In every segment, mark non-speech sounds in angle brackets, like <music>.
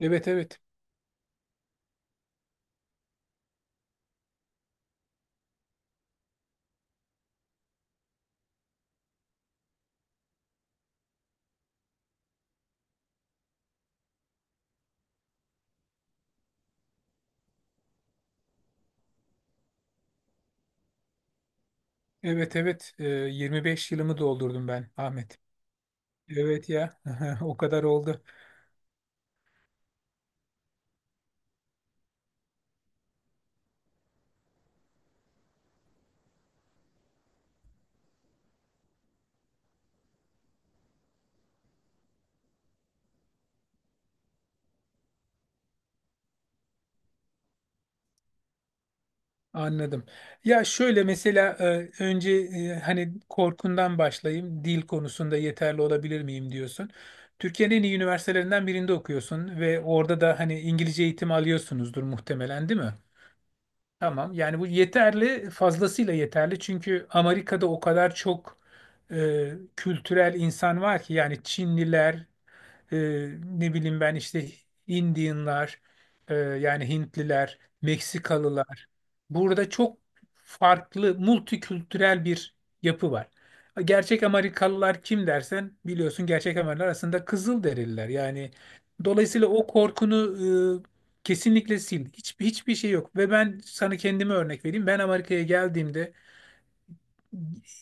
Evet evet. Evet evet. 25 yılımı doldurdum ben Ahmet. Evet ya. <laughs> O kadar oldu. Anladım. Ya şöyle mesela önce hani korkundan başlayayım. Dil konusunda yeterli olabilir miyim diyorsun. Türkiye'nin en iyi üniversitelerinden birinde okuyorsun ve orada da hani İngilizce eğitim alıyorsunuzdur muhtemelen, değil mi? Tamam. Yani bu yeterli, fazlasıyla yeterli. Çünkü Amerika'da o kadar çok kültürel insan var ki yani Çinliler, e, ne bileyim ben işte Indianlar, yani Hintliler, Meksikalılar. Burada çok farklı, multikültürel bir yapı var. Gerçek Amerikalılar kim dersen biliyorsun, gerçek Amerikalılar aslında Kızılderililer. Yani dolayısıyla o korkunu kesinlikle sil. Hiç, hiçbir şey yok. Ve ben sana kendime örnek vereyim. Ben Amerika'ya geldiğimde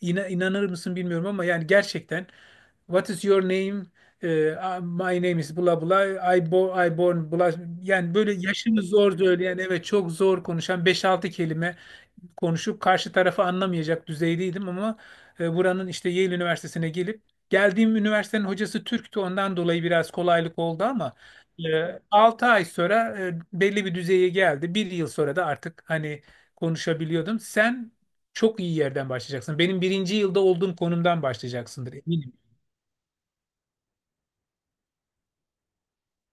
İnanır mısın bilmiyorum ama yani gerçekten What is your name? Ee, My name is bla bla. I, bo I born bla. Yani böyle yaşını zor söyleyen, evet, çok zor konuşan 5-6 kelime konuşup karşı tarafı anlamayacak düzeydeydim ama buranın işte Yale Üniversitesi'ne gelip geldiğim üniversitenin hocası Türk'tü, ondan dolayı biraz kolaylık oldu ama 6 ay sonra belli bir düzeye geldi. Bir yıl sonra da artık hani konuşabiliyordum. Sen çok iyi yerden başlayacaksın. Benim birinci yılda olduğum konumdan başlayacaksındır, eminim.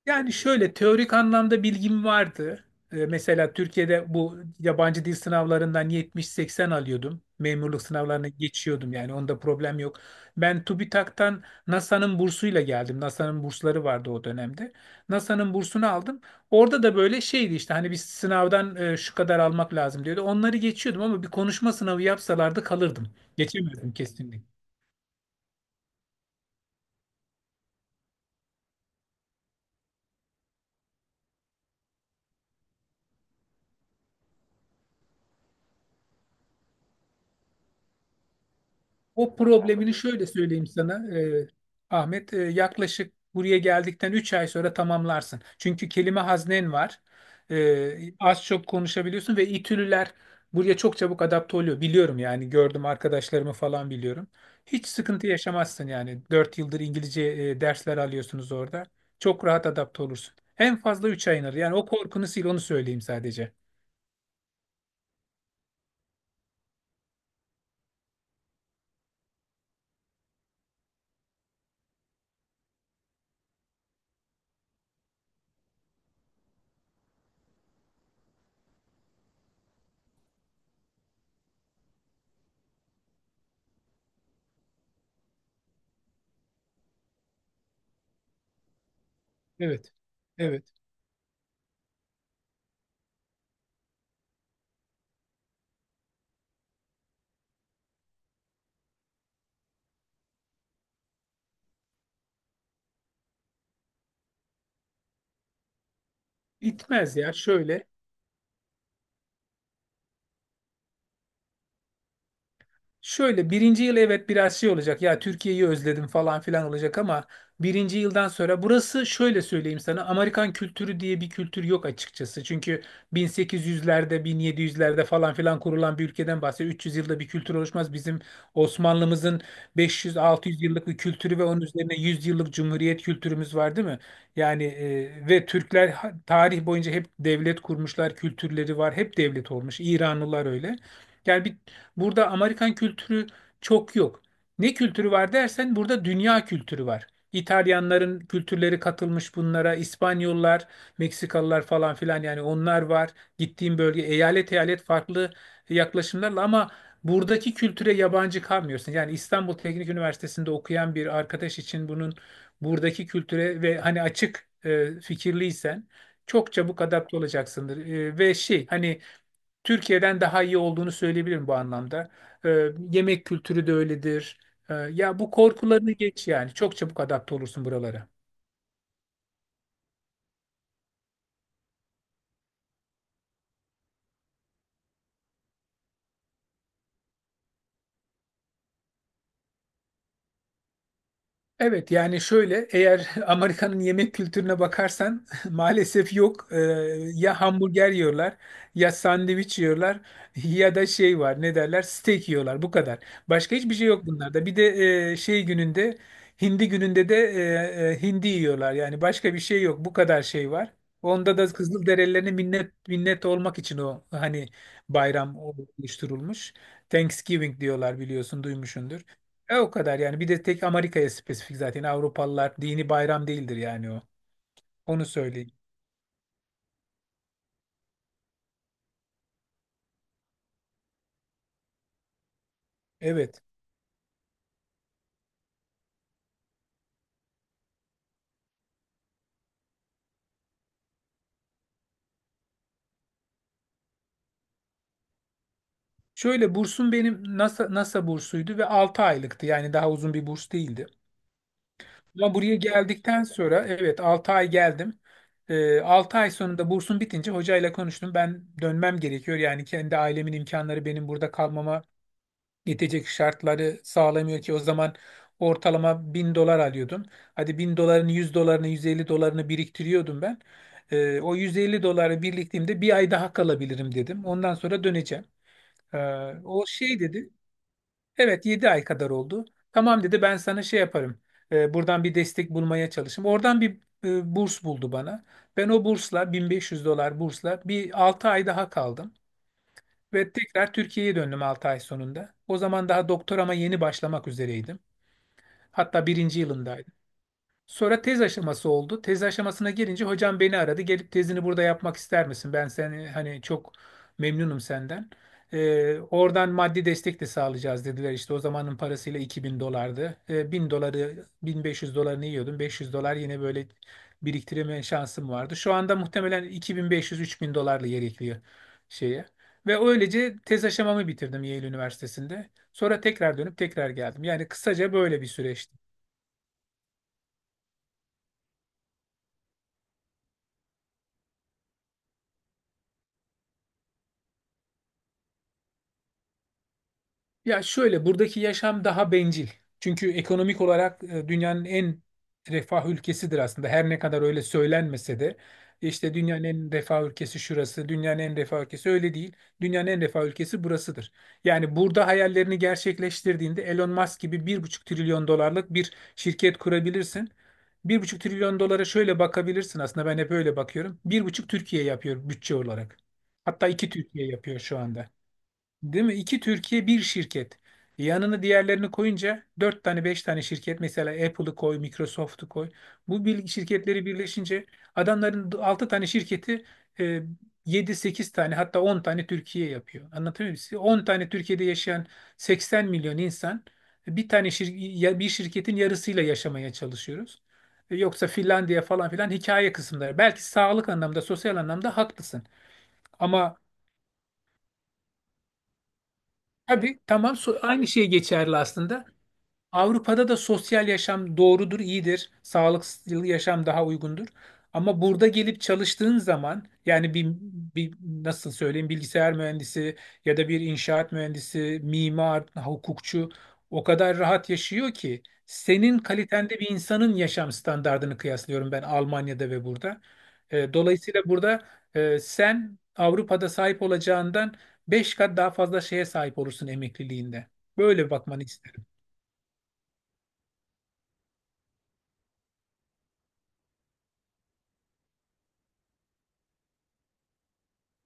Yani şöyle teorik anlamda bilgim vardı. Mesela Türkiye'de bu yabancı dil sınavlarından 70-80 alıyordum. Memurluk sınavlarına geçiyordum, yani onda problem yok. Ben TÜBİTAK'tan NASA'nın bursuyla geldim. NASA'nın bursları vardı o dönemde. NASA'nın bursunu aldım. Orada da böyle şeydi işte hani bir sınavdan şu kadar almak lazım diyordu. Onları geçiyordum ama bir konuşma sınavı yapsalardı kalırdım. Geçemezdim kesinlikle. O problemini şöyle söyleyeyim sana Ahmet. Yaklaşık buraya geldikten 3 ay sonra tamamlarsın. Çünkü kelime haznen var. Az çok konuşabiliyorsun ve İtülüler buraya çok çabuk adapte oluyor. Biliyorum yani, gördüm arkadaşlarımı falan biliyorum. Hiç sıkıntı yaşamazsın yani. Dört yıldır İngilizce dersler alıyorsunuz orada. Çok rahat adapte olursun. En fazla 3 ay alır. Yani o korkunu sil, onu söyleyeyim sadece. Evet. Evet. Bitmez ya, şöyle. Şöyle birinci yıl evet biraz şey olacak, ya Türkiye'yi özledim falan filan olacak ama birinci yıldan sonra burası, şöyle söyleyeyim sana, Amerikan kültürü diye bir kültür yok açıkçası. Çünkü 1800'lerde, 1700'lerde falan filan kurulan bir ülkeden bahsediyor. 300 yılda bir kültür oluşmaz. Bizim Osmanlımızın 500-600 yıllık bir kültürü ve onun üzerine 100 yıllık cumhuriyet kültürümüz var, değil mi? Yani ve Türkler tarih boyunca hep devlet kurmuşlar, kültürleri var, hep devlet olmuş. İranlılar öyle. Yani burada Amerikan kültürü çok yok. Ne kültürü var dersen, burada dünya kültürü var. İtalyanların kültürleri katılmış bunlara, İspanyollar, Meksikalılar falan filan, yani onlar var. Gittiğim bölge eyalet eyalet farklı yaklaşımlarla ama buradaki kültüre yabancı kalmıyorsun. Yani İstanbul Teknik Üniversitesi'nde okuyan bir arkadaş için bunun buradaki kültüre ve hani açık fikirliysen çok çabuk adapte olacaksındır. Ve şey, hani Türkiye'den daha iyi olduğunu söyleyebilirim bu anlamda. Yemek kültürü de öyledir. Ya bu korkularını geç yani. Çok çabuk adapte olursun buralara. Evet, yani şöyle, eğer <laughs> Amerika'nın yemek kültürüne bakarsan <laughs> maalesef yok. Ya hamburger yiyorlar ya sandviç yiyorlar <laughs> ya da şey var, ne derler, steak yiyorlar, bu kadar. Başka hiçbir şey yok bunlarda. Bir de şey gününde, hindi gününde de hindi yiyorlar yani, başka bir şey yok, bu kadar şey var. Onda da Kızılderililerine minnet minnet olmak için o hani bayram oluşturulmuş. Thanksgiving diyorlar, biliyorsun duymuşsundur. O kadar yani. Bir de tek Amerika'ya spesifik zaten. Avrupalılar dini bayram değildir yani o. Onu söyleyeyim. Evet. Şöyle bursum benim NASA bursuydu ve 6 aylıktı. Yani daha uzun bir burs değildi. Ama buraya geldikten sonra evet, 6 ay geldim. 6 ay sonunda bursum bitince hocayla konuştum. Ben dönmem gerekiyor. Yani kendi ailemin imkanları benim burada kalmama yetecek şartları sağlamıyor ki o zaman ortalama 1000 dolar alıyordum. Hadi 1000 dolarını, 100 dolarını, 150 dolarını biriktiriyordum ben. O 150 doları biriktiğimde bir ay daha kalabilirim dedim. Ondan sonra döneceğim. Ee, O şey dedi. Evet, 7 ay kadar oldu. Tamam dedi, ben sana şey yaparım. Buradan bir destek bulmaya çalışayım. Oradan bir burs buldu bana. Ben o bursla, 1500 dolar bursla, bir 6 ay daha kaldım. Ve tekrar Türkiye'ye döndüm 6 ay sonunda. O zaman daha doktorama yeni başlamak üzereydim. Hatta birinci yılındaydım. Sonra tez aşaması oldu. Tez aşamasına gelince hocam beni aradı. Gelip tezini burada yapmak ister misin? Ben seni hani, çok memnunum senden. Oradan maddi destek de sağlayacağız dediler. İşte o zamanın parasıyla 2000 dolardı. 1000 doları, 1500 dolarını yiyordum. 500 dolar yine böyle biriktirme şansım vardı. Şu anda muhtemelen 2500-3000 dolarla yer şeye. Ve öylece tez aşamamı bitirdim Yale Üniversitesi'nde. Sonra tekrar dönüp tekrar geldim. Yani kısaca böyle bir süreçti. Ya şöyle, buradaki yaşam daha bencil. Çünkü ekonomik olarak dünyanın en refah ülkesidir aslında. Her ne kadar öyle söylenmese de işte dünyanın en refah ülkesi şurası, dünyanın en refah ülkesi öyle değil. Dünyanın en refah ülkesi burasıdır. Yani burada hayallerini gerçekleştirdiğinde Elon Musk gibi 1,5 trilyon dolarlık bir şirket kurabilirsin. Bir buçuk trilyon dolara şöyle bakabilirsin aslında, ben hep öyle bakıyorum. Bir buçuk Türkiye yapıyor bütçe olarak. Hatta 2 Türkiye yapıyor şu anda. Değil mi? İki Türkiye bir şirket. Yanına diğerlerini koyunca dört tane, beş tane şirket, mesela Apple'ı koy, Microsoft'u koy. Bu şirketleri birleşince adamların altı tane şirketi e, yedi, sekiz tane, hatta 10 tane Türkiye yapıyor. Anlatabiliyor muyum size? 10 tane Türkiye'de yaşayan 80 milyon insan bir tane bir şirketin yarısıyla yaşamaya çalışıyoruz. Yoksa Finlandiya falan filan hikaye kısımları. Belki sağlık anlamda, sosyal anlamda haklısın. Ama. Tabii, tamam, aynı şey geçerli aslında. Avrupa'da da sosyal yaşam doğrudur, iyidir. Sağlıklı yaşam daha uygundur. Ama burada gelip çalıştığın zaman yani bir nasıl söyleyeyim, bilgisayar mühendisi ya da bir inşaat mühendisi, mimar, hukukçu o kadar rahat yaşıyor ki senin kalitende bir insanın yaşam standardını kıyaslıyorum ben Almanya'da ve burada. Dolayısıyla burada sen Avrupa'da sahip olacağından 5 kat daha fazla şeye sahip olursun emekliliğinde. Böyle bakmanı isterim.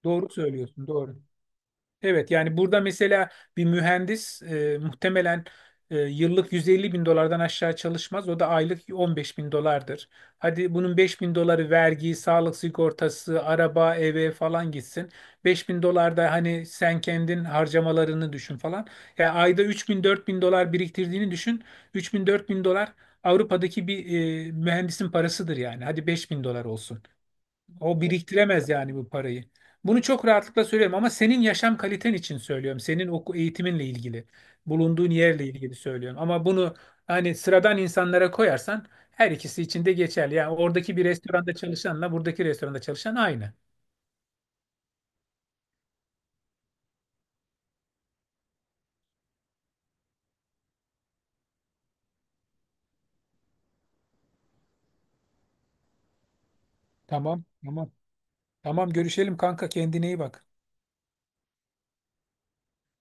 Doğru söylüyorsun, doğru. Evet, yani burada mesela bir mühendis muhtemelen yıllık 150 bin dolardan aşağı çalışmaz. O da aylık 15 bin dolardır. Hadi bunun 5 bin doları vergi, sağlık sigortası, araba, eve falan gitsin. 5 bin dolar da hani sen kendin harcamalarını düşün falan. Yani ayda 3 bin 4 bin dolar biriktirdiğini düşün. 3 bin 4 bin dolar Avrupa'daki bir mühendisin parasıdır yani. Hadi 5 bin dolar olsun. O biriktiremez yani bu parayı. Bunu çok rahatlıkla söylüyorum ama senin yaşam kaliten için söylüyorum. Senin eğitiminle ilgili, bulunduğun yerle ilgili söylüyorum. Ama bunu hani sıradan insanlara koyarsan her ikisi için de geçerli. Yani oradaki bir restoranda çalışanla buradaki restoranda çalışan aynı. Tamam, tamam. Tamam, görüşelim kanka, kendine iyi bak. Bye.